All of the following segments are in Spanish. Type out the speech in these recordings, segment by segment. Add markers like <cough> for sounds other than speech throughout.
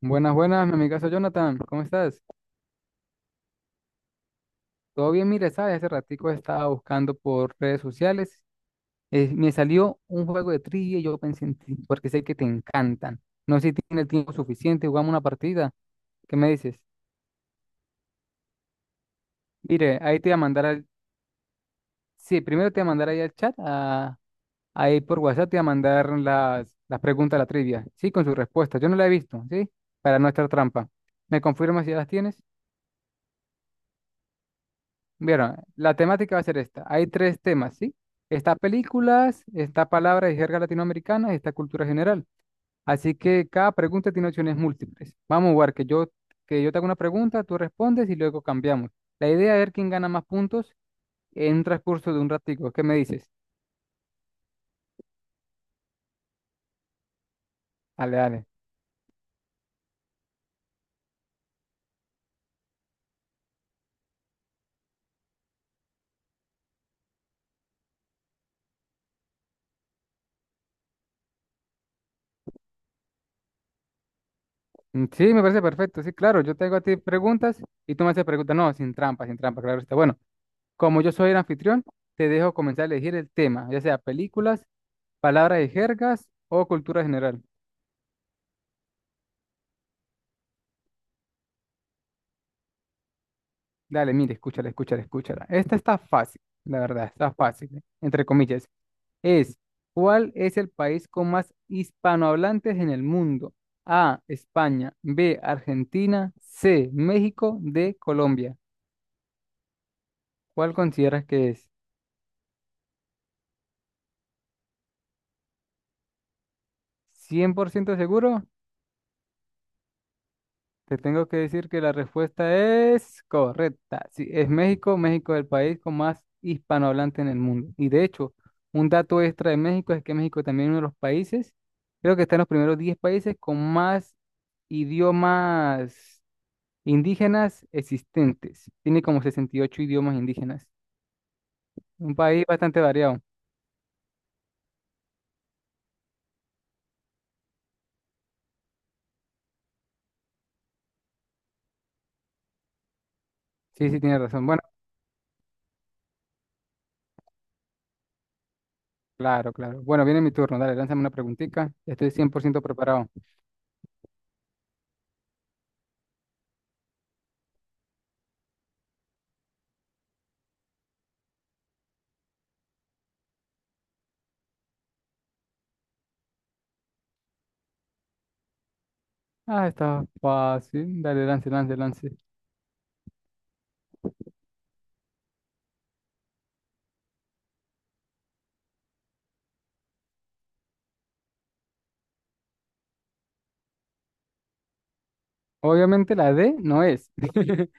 Buenas, buenas, mi amigazo Jonathan, ¿cómo estás? Todo bien, mire, sabes, hace ratico estaba buscando por redes sociales, me salió un juego de trivia y yo pensé en ti, porque sé que te encantan. No sé si tienes el tiempo suficiente, jugamos una partida, ¿qué me dices? Mire, ahí te voy a mandar al, sí, primero te voy a mandar ahí al chat, ahí por WhatsApp te voy a mandar las preguntas de la trivia, sí, con sus respuestas, yo no la he visto, sí, para no estar trampa. ¿Me confirmas si ya las tienes? Vieron, la temática va a ser esta. Hay tres temas, ¿sí? Está películas, está palabras y jerga latinoamericana y está cultura general. Así que cada pregunta tiene opciones múltiples. Vamos a jugar que yo te hago una pregunta, tú respondes y luego cambiamos. La idea es ver quién gana más puntos en un transcurso de un ratico. ¿Qué me dices? Dale, dale. Mm, sí, me parece perfecto. Sí, claro, yo te hago a ti preguntas y tú me haces preguntas. No, sin trampa, sin trampa, claro está. Bueno, como yo soy el anfitrión, te dejo comenzar a elegir el tema, ya sea películas, palabra de jergas o cultura general. Dale, mire, escúchala, escúchala, escúchala. Esta está fácil, la verdad, está fácil, ¿eh?, entre comillas. Es, ¿cuál es el país con más hispanohablantes en el mundo? A, España, B, Argentina, C, México, D, Colombia. ¿Cuál consideras que es? ¿100% seguro? Te tengo que decir que la respuesta es correcta. Sí, es México. México es el país con más hispanohablantes en el mundo. Y de hecho, un dato extra de México es que México también es uno de los países, creo que está en los primeros 10 países con más idiomas indígenas existentes. Tiene como 68 idiomas indígenas. Un país bastante variado. Sí, sí, tiene razón. Bueno, claro, claro. Bueno, viene mi turno. Dale, lánzame una preguntita. Estoy 100% preparado. Ah, está fácil. Dale, lance, lance, lance. Obviamente la D no es. <laughs>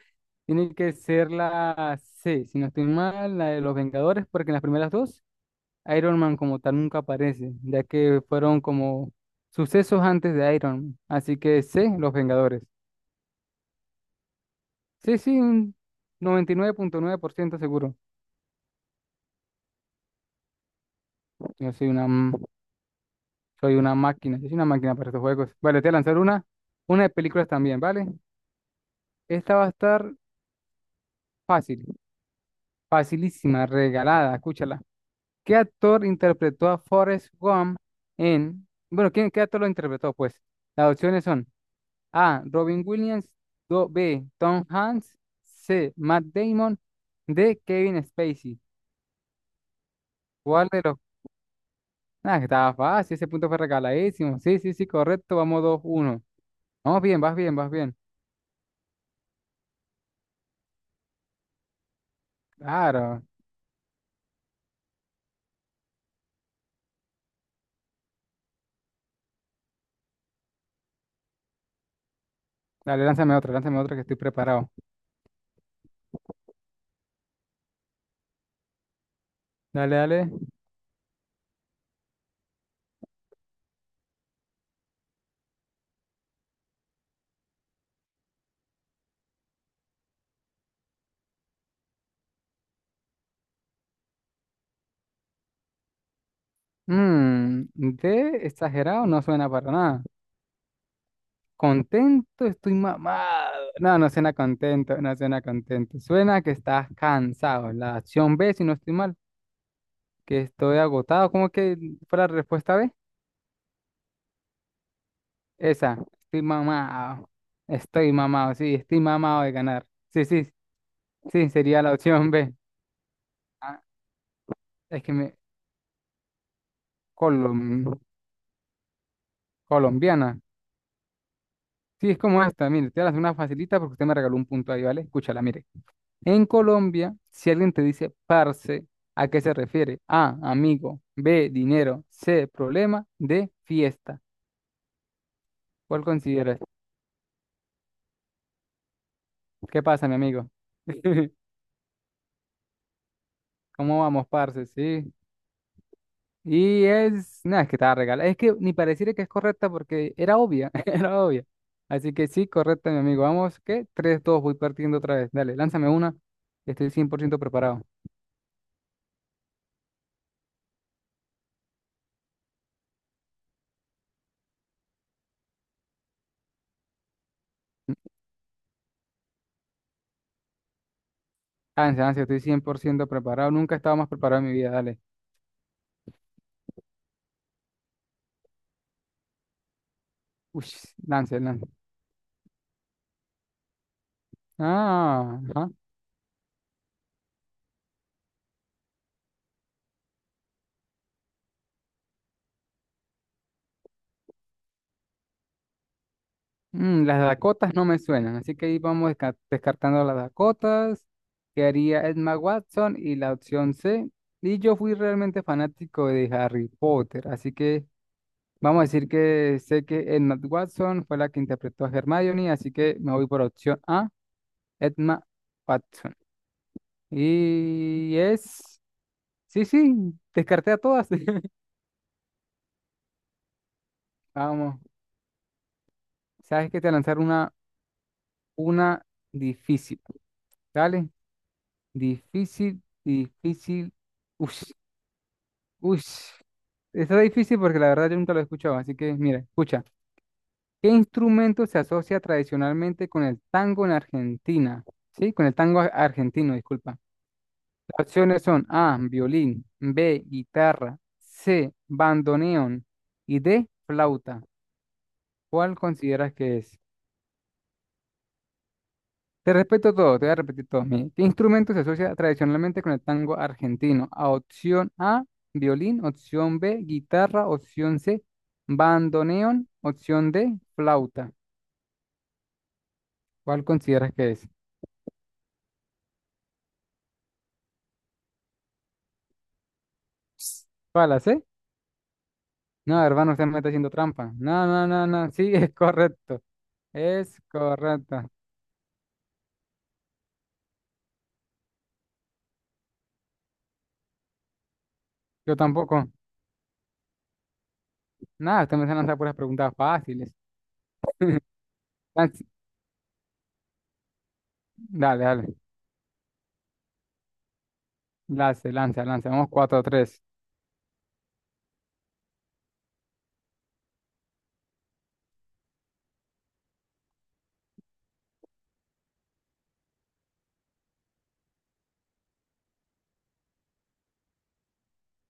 Tiene que ser la C, si no estoy mal, la de los Vengadores, porque en las primeras dos Iron Man como tal nunca aparece, ya que fueron como sucesos antes de Iron Man. Así que C, los Vengadores. Sí, sí, un 99.9% seguro. Yo soy una, m- soy una máquina, yo soy una máquina para estos juegos. Vale, te voy a lanzar una de películas también, ¿vale? Esta va a estar fácil, facilísima, regalada, escúchala. ¿Qué actor interpretó a Forrest Gump Bueno, qué actor lo interpretó? Pues las opciones son A, Robin Williams, B, Tom Hanks, C, Matt Damon, D, Kevin Spacey. ¿Cuál de los? Ah, estaba fácil, ese punto fue regaladísimo. Sí, sí, sí, correcto, vamos 2-1. Vamos bien, vas bien, vas bien. Claro. Dale, lánzame otra, lánzame otra, que estoy preparado. Dale, dale. D, exagerado, no suena para nada. Contento, estoy mamado. No, no suena contento, no suena contento. Suena que estás cansado. La opción B, si no estoy mal, que estoy agotado. ¿Cómo que fue la respuesta B? Esa, estoy mamado. Estoy mamado, sí, estoy mamado de ganar. Sí, sí, sí, sería la opción B. Ah, es que me colom- colombiana. Sí, es como esta, mire, te voy a hacer una facilita porque usted me regaló un punto ahí, ¿vale? Escúchala, mire. En Colombia, si alguien te dice parce, ¿a qué se refiere? A, amigo, B, dinero, C, problema, D, fiesta. ¿Cuál consideras? ¿Qué pasa, mi amigo? <laughs> ¿Cómo vamos, parce? Sí. Y es, nada, es que estaba regalada. Es que ni pareciera que es correcta porque era obvia, <laughs> era obvia. Así que sí, correcta, mi amigo. Vamos, qué tres, 3-2, voy partiendo otra vez. Dale, lánzame una. Estoy 100% preparado. Lance, lance, estoy 100% preparado. Nunca estaba más preparado en mi vida. Dale. Uy, lance, lance. Ah, ajá. Las Dakotas no me suenan, así que ahí vamos descartando las Dakotas. Quedaría Emma Watson y la opción C. Y yo fui realmente fanático de Harry Potter, así que vamos a decir que sé que Emma Watson fue la que interpretó a Hermione, así que me voy por opción A, Emma Watson. Y es... Sí, sí, descarté a todas. <laughs> Vamos, sabes que te voy a lanzar una difícil. Dale. Difícil, difícil. Uy, uy. Está difícil porque la verdad yo nunca lo he escuchado. Así que, mira, escucha. ¿Qué instrumento se asocia tradicionalmente con el tango en Argentina? Sí, con el tango argentino, disculpa. Las opciones son A, violín, B, guitarra, C, bandoneón y D, flauta. ¿Cuál consideras que es? Te respeto todo, te voy a repetir todos mis. ¿Qué instrumento se asocia tradicionalmente con el tango argentino? A, opción A, violín, opción B, guitarra, opción C, bandoneón, opción D, flauta. ¿Cuál consideras que es? ¿Cuál la C? No, hermano, usted me está haciendo trampa. No, no, no, no, <laughs> sí, es correcto. Es correcto. Yo tampoco. Nada, usted me está lanzando puras preguntas fáciles. Lance- Dale, dale. Lance, lanza, lanza. Vamos cuatro, a 3.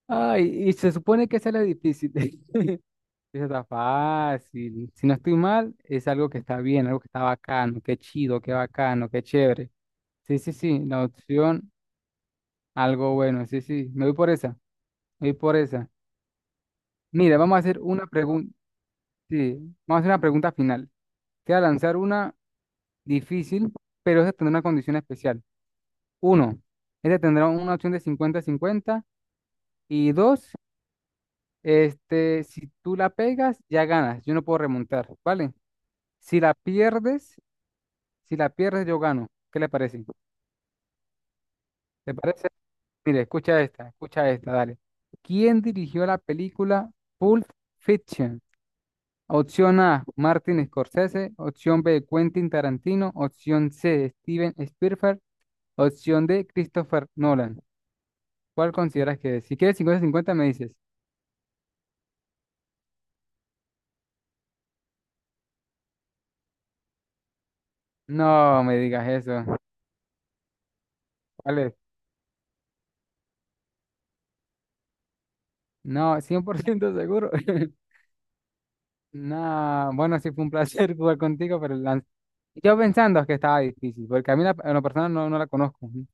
Ay, y se supone que esa es la difícil. <laughs> Eso está fácil. Si no estoy mal, es algo que está bien, algo que está bacano, qué chido, qué bacano, qué chévere. Sí, sí, sí, la opción, algo bueno. Sí, sí, me voy por esa, me voy por esa. Mira, vamos a hacer una pregunta, sí, vamos a hacer una pregunta final. Te voy a lanzar una difícil, pero esa tendrá una condición especial. Uno, esta tendrá una opción de 50 cincuenta y dos, este, si tú la pegas, ya ganas, yo no puedo remontar, ¿vale? Si la pierdes Si la pierdes, yo gano. ¿Qué le parece? ¿Te parece? Mire, escucha esta, dale. ¿Quién dirigió la película Pulp Fiction? Opción A, Martin Scorsese. Opción B, Quentin Tarantino. Opción C, Steven Spielberg. Opción D, Christopher Nolan. ¿Cuál consideras que es? Si quieres 50-50 me dices. No me digas eso. ¿Cuál es? No, 100% seguro. <laughs> No, bueno, sí fue un placer jugar contigo, pero la Yo pensando que estaba difícil, porque a mí, en lo personal, no la conozco. Ujú.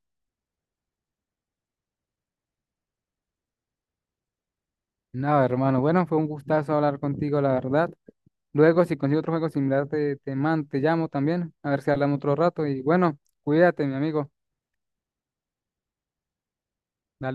Nada, hermano. Bueno, fue un gustazo hablar contigo, la verdad. Luego, si consigo otro juego similar, te llamo también, a ver si hablamos otro rato. Y bueno, cuídate, mi amigo. Dale un